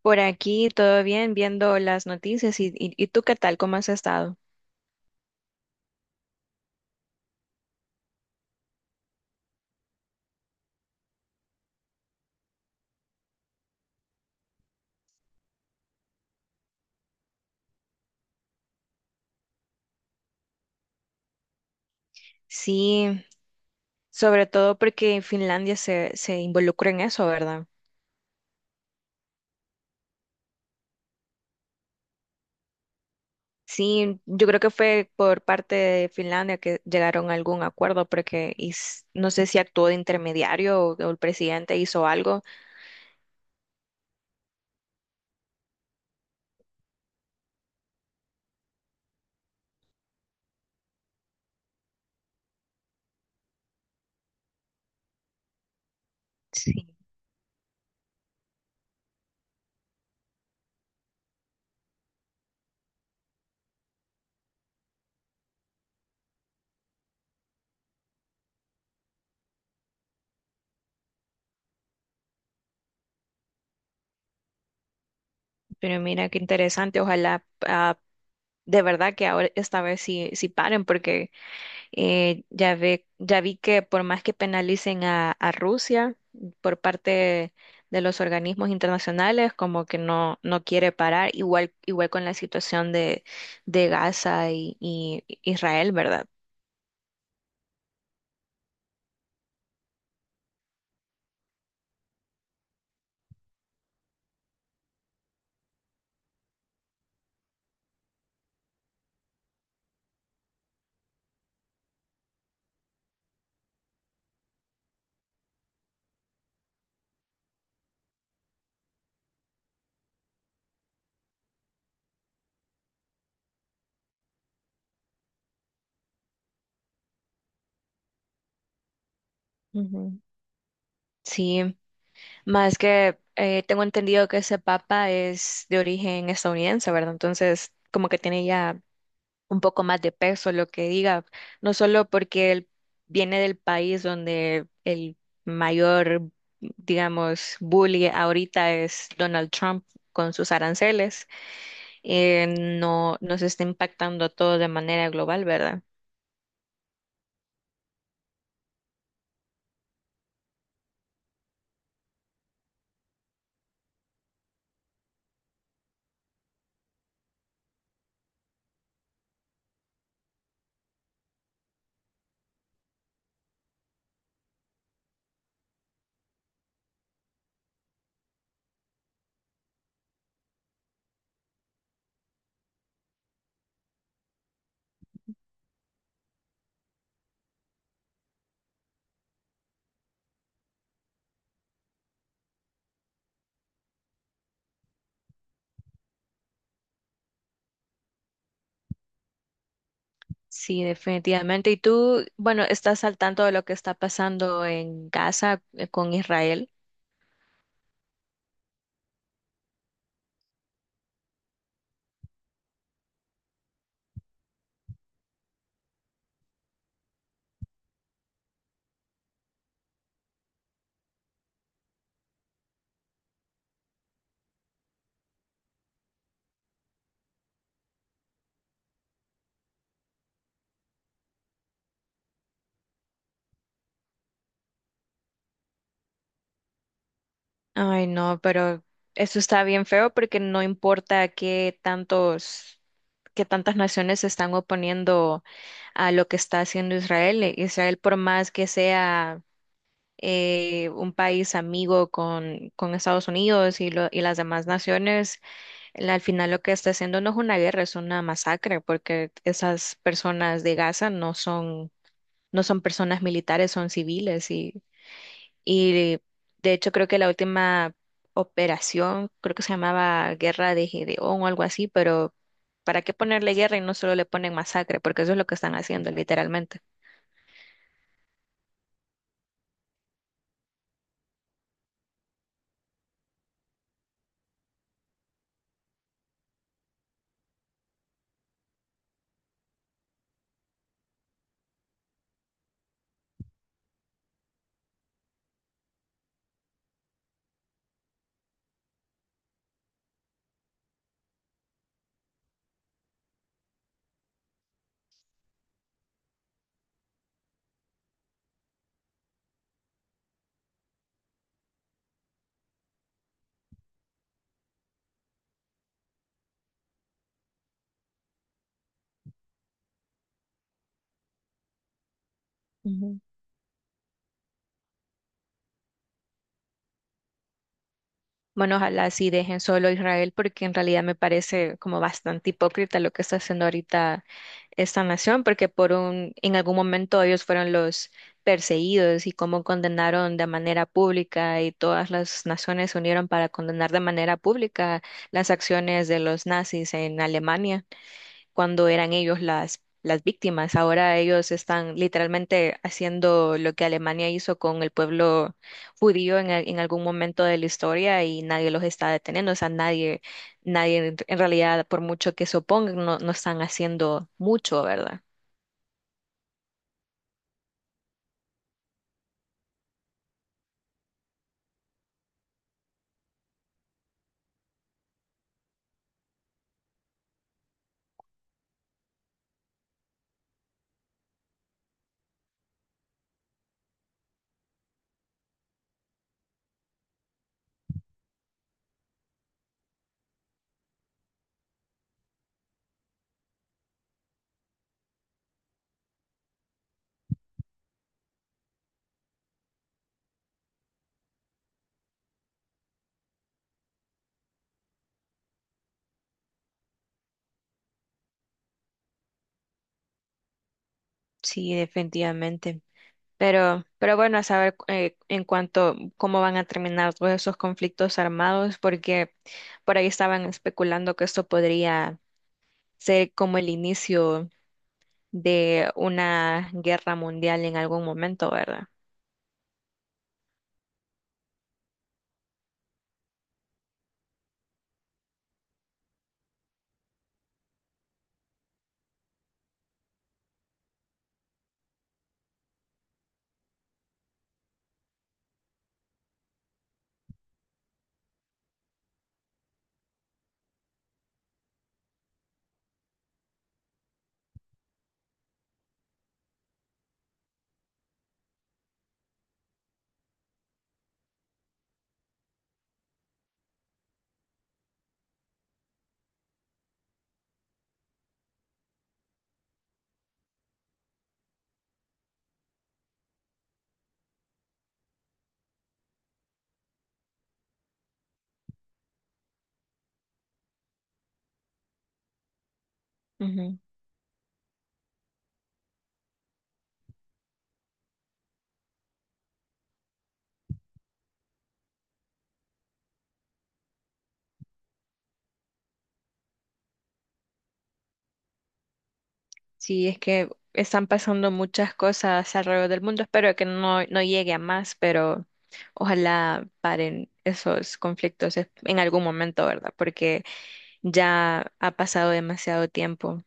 Por aquí todo bien, viendo las noticias y tú qué tal, ¿cómo has estado? Sí, sobre todo porque Finlandia se involucra en eso, ¿verdad? Sí, yo creo que fue por parte de Finlandia que llegaron a algún acuerdo porque no sé si actuó de intermediario o el presidente hizo algo. Sí, pero mira qué interesante, ojalá de verdad que ahora esta vez sí, sí paren porque ya ve, ya vi que por más que penalicen a Rusia por parte de los organismos internacionales, como que no quiere parar, igual, igual con la situación de Gaza y Israel, ¿verdad? Ujú. Sí, más que tengo entendido que ese papa es de origen estadounidense, ¿verdad? Entonces, como que tiene ya un poco más de peso lo que diga, no solo porque él viene del país donde el mayor, digamos, bully ahorita es Donald Trump con sus aranceles, eh, no nos está impactando todo de manera global, ¿verdad? Sí, definitivamente. Y tú, bueno, ¿estás al tanto de lo que está pasando en Gaza con Israel? Ay, no, pero eso está bien feo porque no importa qué tantos, qué tantas naciones se están oponiendo a lo que está haciendo Israel. Israel, por más que sea un país amigo con Estados Unidos y, y las demás naciones, al final lo que está haciendo no es una guerra, es una masacre, porque esas personas de Gaza no son, no son personas militares, son civiles y de hecho creo que la última operación, creo que se llamaba Guerra de Gedeón o algo así, pero ¿para qué ponerle guerra y no solo le ponen masacre? Porque eso es lo que están haciendo literalmente. Bueno, ojalá sí dejen solo a Israel, porque en realidad me parece como bastante hipócrita lo que está haciendo ahorita esta nación, porque por un, en algún momento ellos fueron los perseguidos y cómo condenaron de manera pública y todas las naciones se unieron para condenar de manera pública las acciones de los nazis en Alemania cuando eran ellos las víctimas. Ahora ellos están literalmente haciendo lo que Alemania hizo con el pueblo judío en, en algún momento de la historia y nadie los está deteniendo. O sea, nadie, nadie en realidad, por mucho que se opongan, no están haciendo mucho, ¿verdad? Sí, definitivamente. Pero bueno, a saber en cuanto cómo van a terminar todos esos conflictos armados, porque por ahí estaban especulando que esto podría ser como el inicio de una guerra mundial en algún momento, ¿verdad? Ujú. Sí, es que están pasando muchas cosas alrededor del mundo. Espero que no llegue a más, pero ojalá paren esos conflictos en algún momento, ¿verdad? Porque ya ha pasado demasiado tiempo.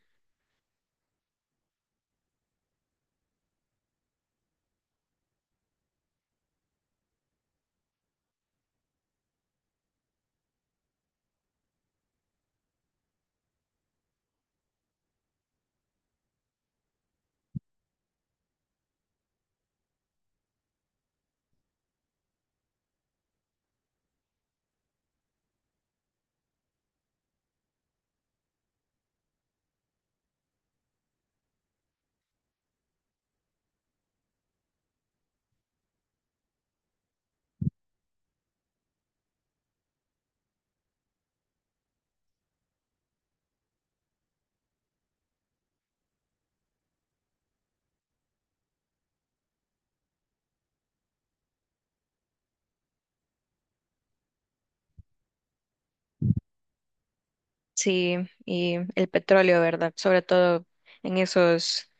Sí, y el petróleo, ¿verdad? Sobre todo en esos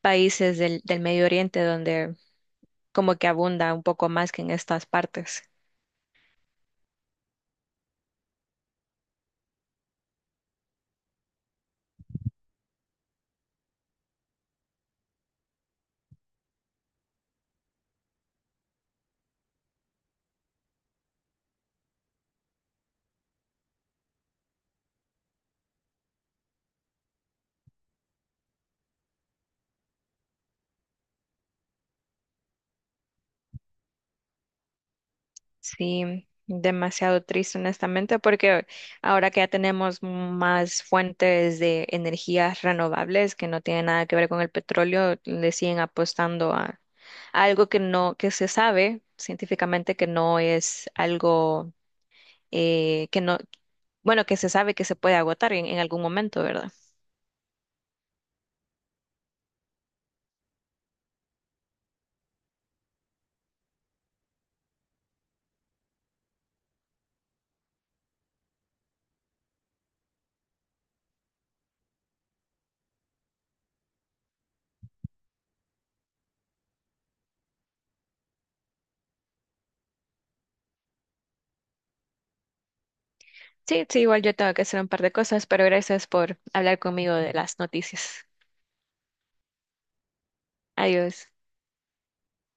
países del Medio Oriente donde como que abunda un poco más que en estas partes. Sí, demasiado triste, honestamente, porque ahora que ya tenemos más fuentes de energías renovables que no tienen nada que ver con el petróleo, le siguen apostando a algo que no, que se sabe científicamente que no es algo que no, bueno, que se sabe que se puede agotar en algún momento, ¿verdad? Sí, sí, igual yo tengo que hacer un par de cosas, pero gracias por hablar conmigo de las noticias. Adiós.